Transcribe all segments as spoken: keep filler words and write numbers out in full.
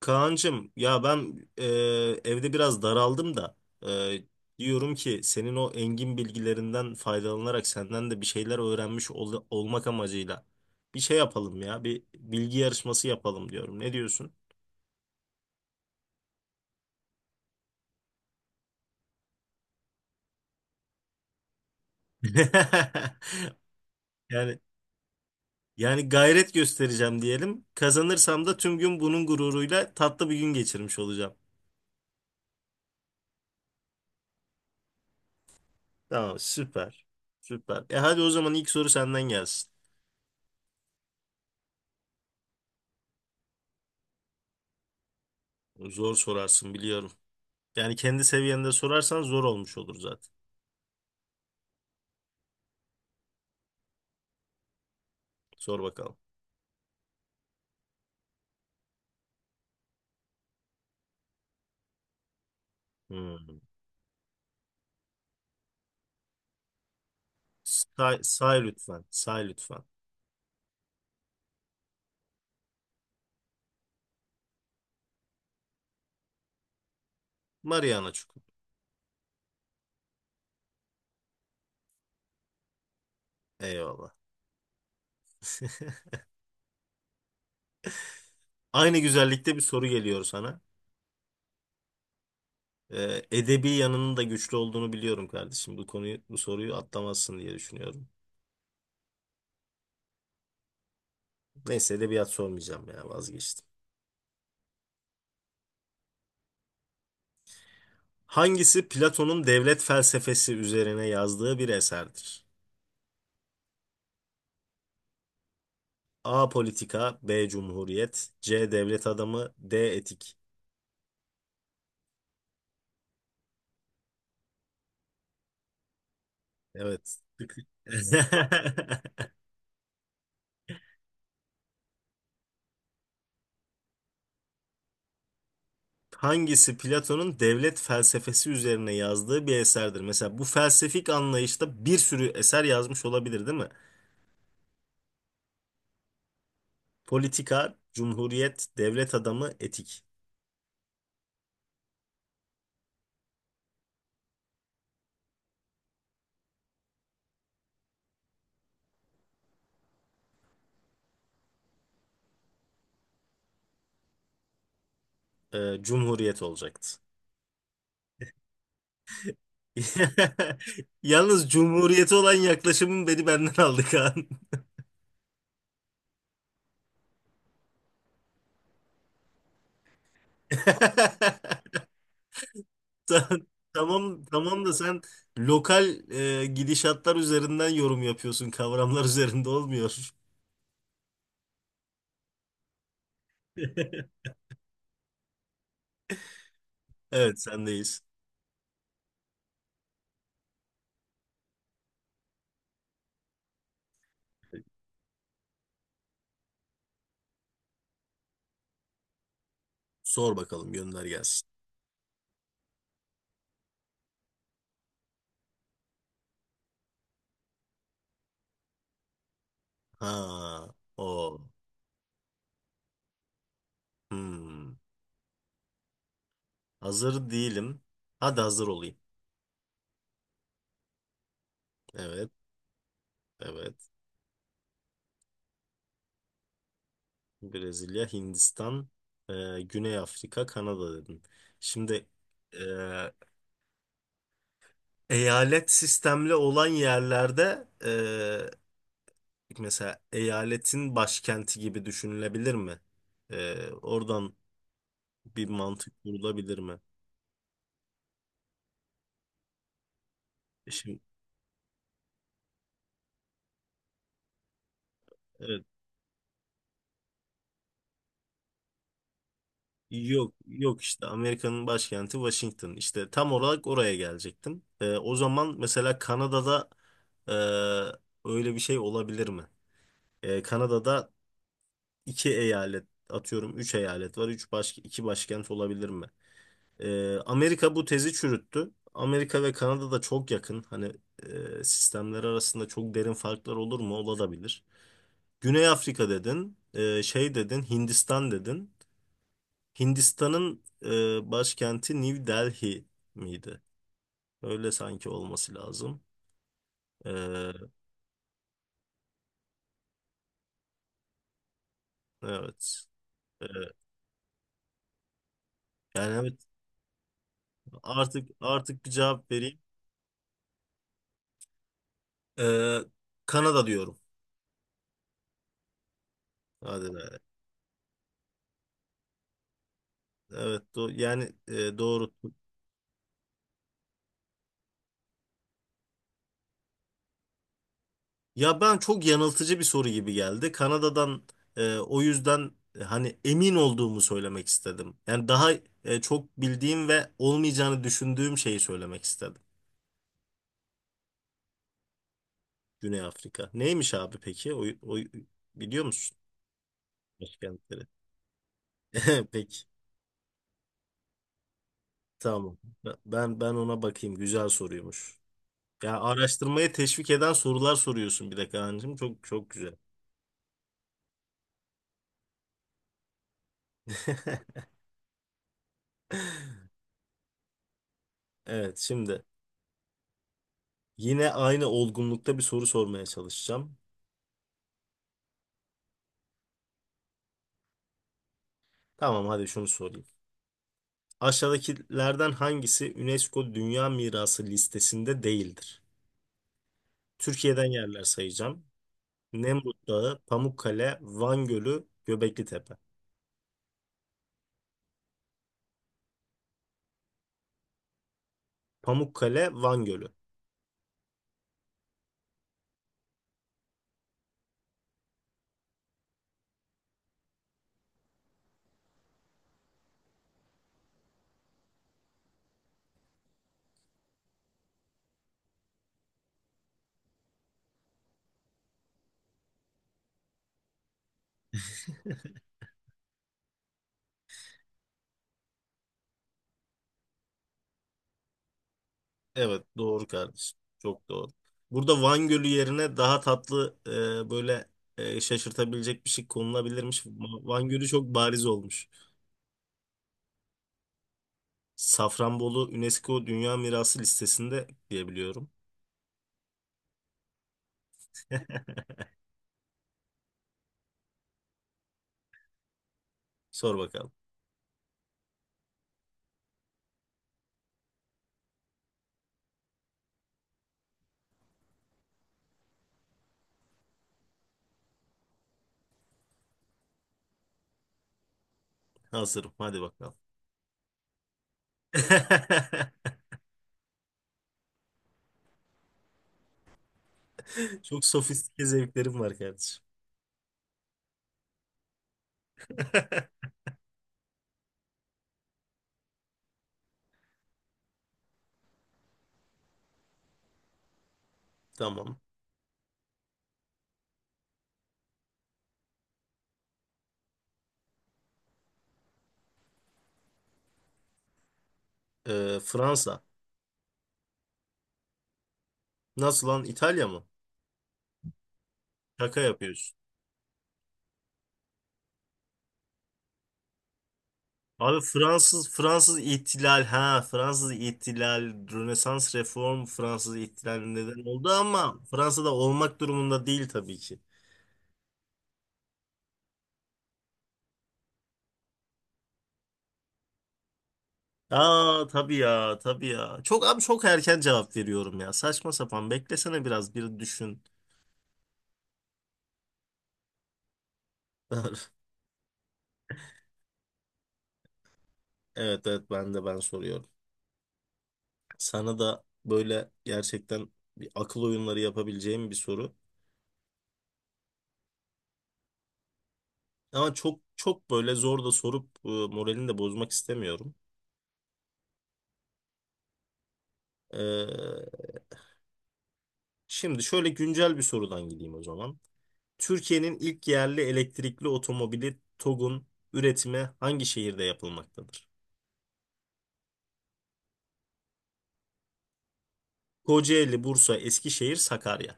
Kaan'cığım ya ben e, evde biraz daraldım da e, diyorum ki senin o engin bilgilerinden faydalanarak senden de bir şeyler öğrenmiş ol- olmak amacıyla bir şey yapalım ya bir bilgi yarışması yapalım diyorum. Ne diyorsun? Yani yani gayret göstereceğim diyelim. Kazanırsam da tüm gün bunun gururuyla tatlı bir gün geçirmiş olacağım. Tamam, süper. Süper. E, hadi o zaman ilk soru senden gelsin. Zor sorarsın biliyorum. Yani kendi seviyende sorarsan zor olmuş olur zaten. Sor bakalım. Hmm. Say, say lütfen. Say lütfen. Mariana Çukur. Eyvallah. Aynı güzellikte bir soru geliyor sana. Ee, edebi yanının da güçlü olduğunu biliyorum kardeşim. Bu konuyu, bu soruyu atlamazsın diye düşünüyorum. Neyse edebiyat sormayacağım ya, vazgeçtim. Hangisi Platon'un devlet felsefesi üzerine yazdığı bir eserdir? A. Politika, B. Cumhuriyet, C. Devlet adamı, D. Etik. Evet. Hangisi Platon'un devlet felsefesi üzerine yazdığı bir eserdir? Mesela bu felsefik anlayışta bir sürü eser yazmış olabilir, değil mi? Politika, Cumhuriyet, Devlet Adamı, Etik. Ee, Cumhuriyet olacaktı. Yalnız Cumhuriyeti olan yaklaşımın beni benden aldı Kaan. Ta- Tamam, tamam da sen lokal e, gidişatlar üzerinden yorum yapıyorsun, kavramlar üzerinde olmuyor. Evet, sendeyiz. Sor bakalım, gönder gelsin. Ha, o. Hmm. Hazır değilim. Hadi hazır olayım. Evet, evet. Brezilya, Hindistan, e, Güney Afrika, Kanada dedin. Şimdi e, eyalet sistemli olan yerlerde e, mesela eyaletin başkenti gibi düşünülebilir mi? E, oradan bir mantık kurulabilir mi? E, Şimdi evet. Yok, yok, işte Amerika'nın başkenti Washington. İşte tam olarak oraya gelecektim. Ee, o zaman mesela Kanada'da e, öyle bir şey olabilir mi? Ee, Kanada'da iki eyalet, atıyorum üç eyalet var. Üç baş, iki başkent olabilir mi? Ee, Amerika bu tezi çürüttü. Amerika ve Kanada da çok yakın. Hani e, sistemler arasında çok derin farklar olur mu? Olabilir. Güney Afrika dedin, e, şey dedin, Hindistan dedin. Hindistan'ın e, başkenti New Delhi miydi? Öyle sanki olması lazım. E, evet. E, yani evet, artık artık bir cevap vereyim. E, Kanada diyorum. Hadi be. Evet, do- yani e, doğru. Ya, ben çok yanıltıcı bir soru gibi geldi. Kanada'dan e, o yüzden, e, hani emin olduğumu söylemek istedim. Yani daha e, çok bildiğim ve olmayacağını düşündüğüm şeyi söylemek istedim. Güney Afrika. Neymiş abi peki? O, o biliyor musun başkentleri? Peki. Tamam. Ben ben ona bakayım. Güzel soruymuş. Ya, araştırmaya teşvik eden sorular soruyorsun bir de Kaan'cığım. Çok çok güzel. Evet, şimdi yine aynı olgunlukta bir soru sormaya çalışacağım. Tamam, hadi şunu sorayım. Aşağıdakilerden hangisi UNESCO Dünya Mirası listesinde değildir? Türkiye'den yerler sayacağım. Nemrut Dağı, Pamukkale, Van Gölü, Göbekli Tepe. Pamukkale, Van Gölü. Evet, doğru kardeşim. Çok doğru. Burada Van Gölü yerine daha tatlı e, böyle e, şaşırtabilecek bir şey konulabilirmiş. Va- Van Gölü çok bariz olmuş. Safranbolu UNESCO Dünya Mirası listesinde diyebiliyorum. Sor bakalım. Hazırım. Hadi bakalım. Çok sofistike zevklerim var kardeşim. Tamam. Ee, Fransa. Nasıl lan? İtalya mı? Şaka yapıyorsun. Abi Fransız Fransız ihtilal ha Fransız ihtilal, Rönesans, reform, Fransız ihtilal neden oldu ama Fransa'da olmak durumunda değil tabii ki. Aa, tabii ya, tabii ya. Çok abi, çok erken cevap veriyorum ya. Saçma sapan, beklesene biraz, bir düşün. Evet, evet, ben de ben soruyorum. Sana da böyle gerçekten bir akıl oyunları yapabileceğim bir soru. Ama çok çok böyle zor da sorup e, moralini de bozmak istemiyorum. Şimdi şöyle güncel bir sorudan gideyim o zaman. Türkiye'nin ilk yerli elektrikli otomobili TOGG'un üretimi hangi şehirde yapılmaktadır? Kocaeli, Bursa, Eskişehir, Sakarya.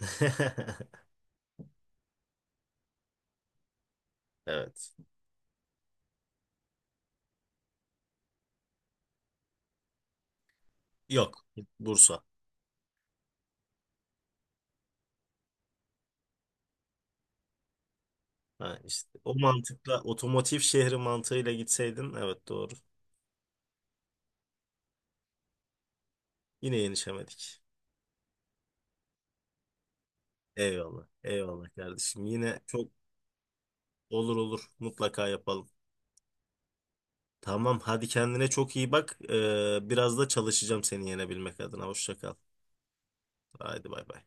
Evet. Yok. Bursa. Ha, işte. O mantıkla, otomotiv şehri mantığıyla gitseydin, evet doğru. Yine yenişemedik. Eyvallah. Eyvallah kardeşim. Yine çok olur, olur. Mutlaka yapalım. Tamam, hadi kendine çok iyi bak. Ee, biraz da çalışacağım seni yenebilmek adına. Hoşça kal. Haydi bay bay.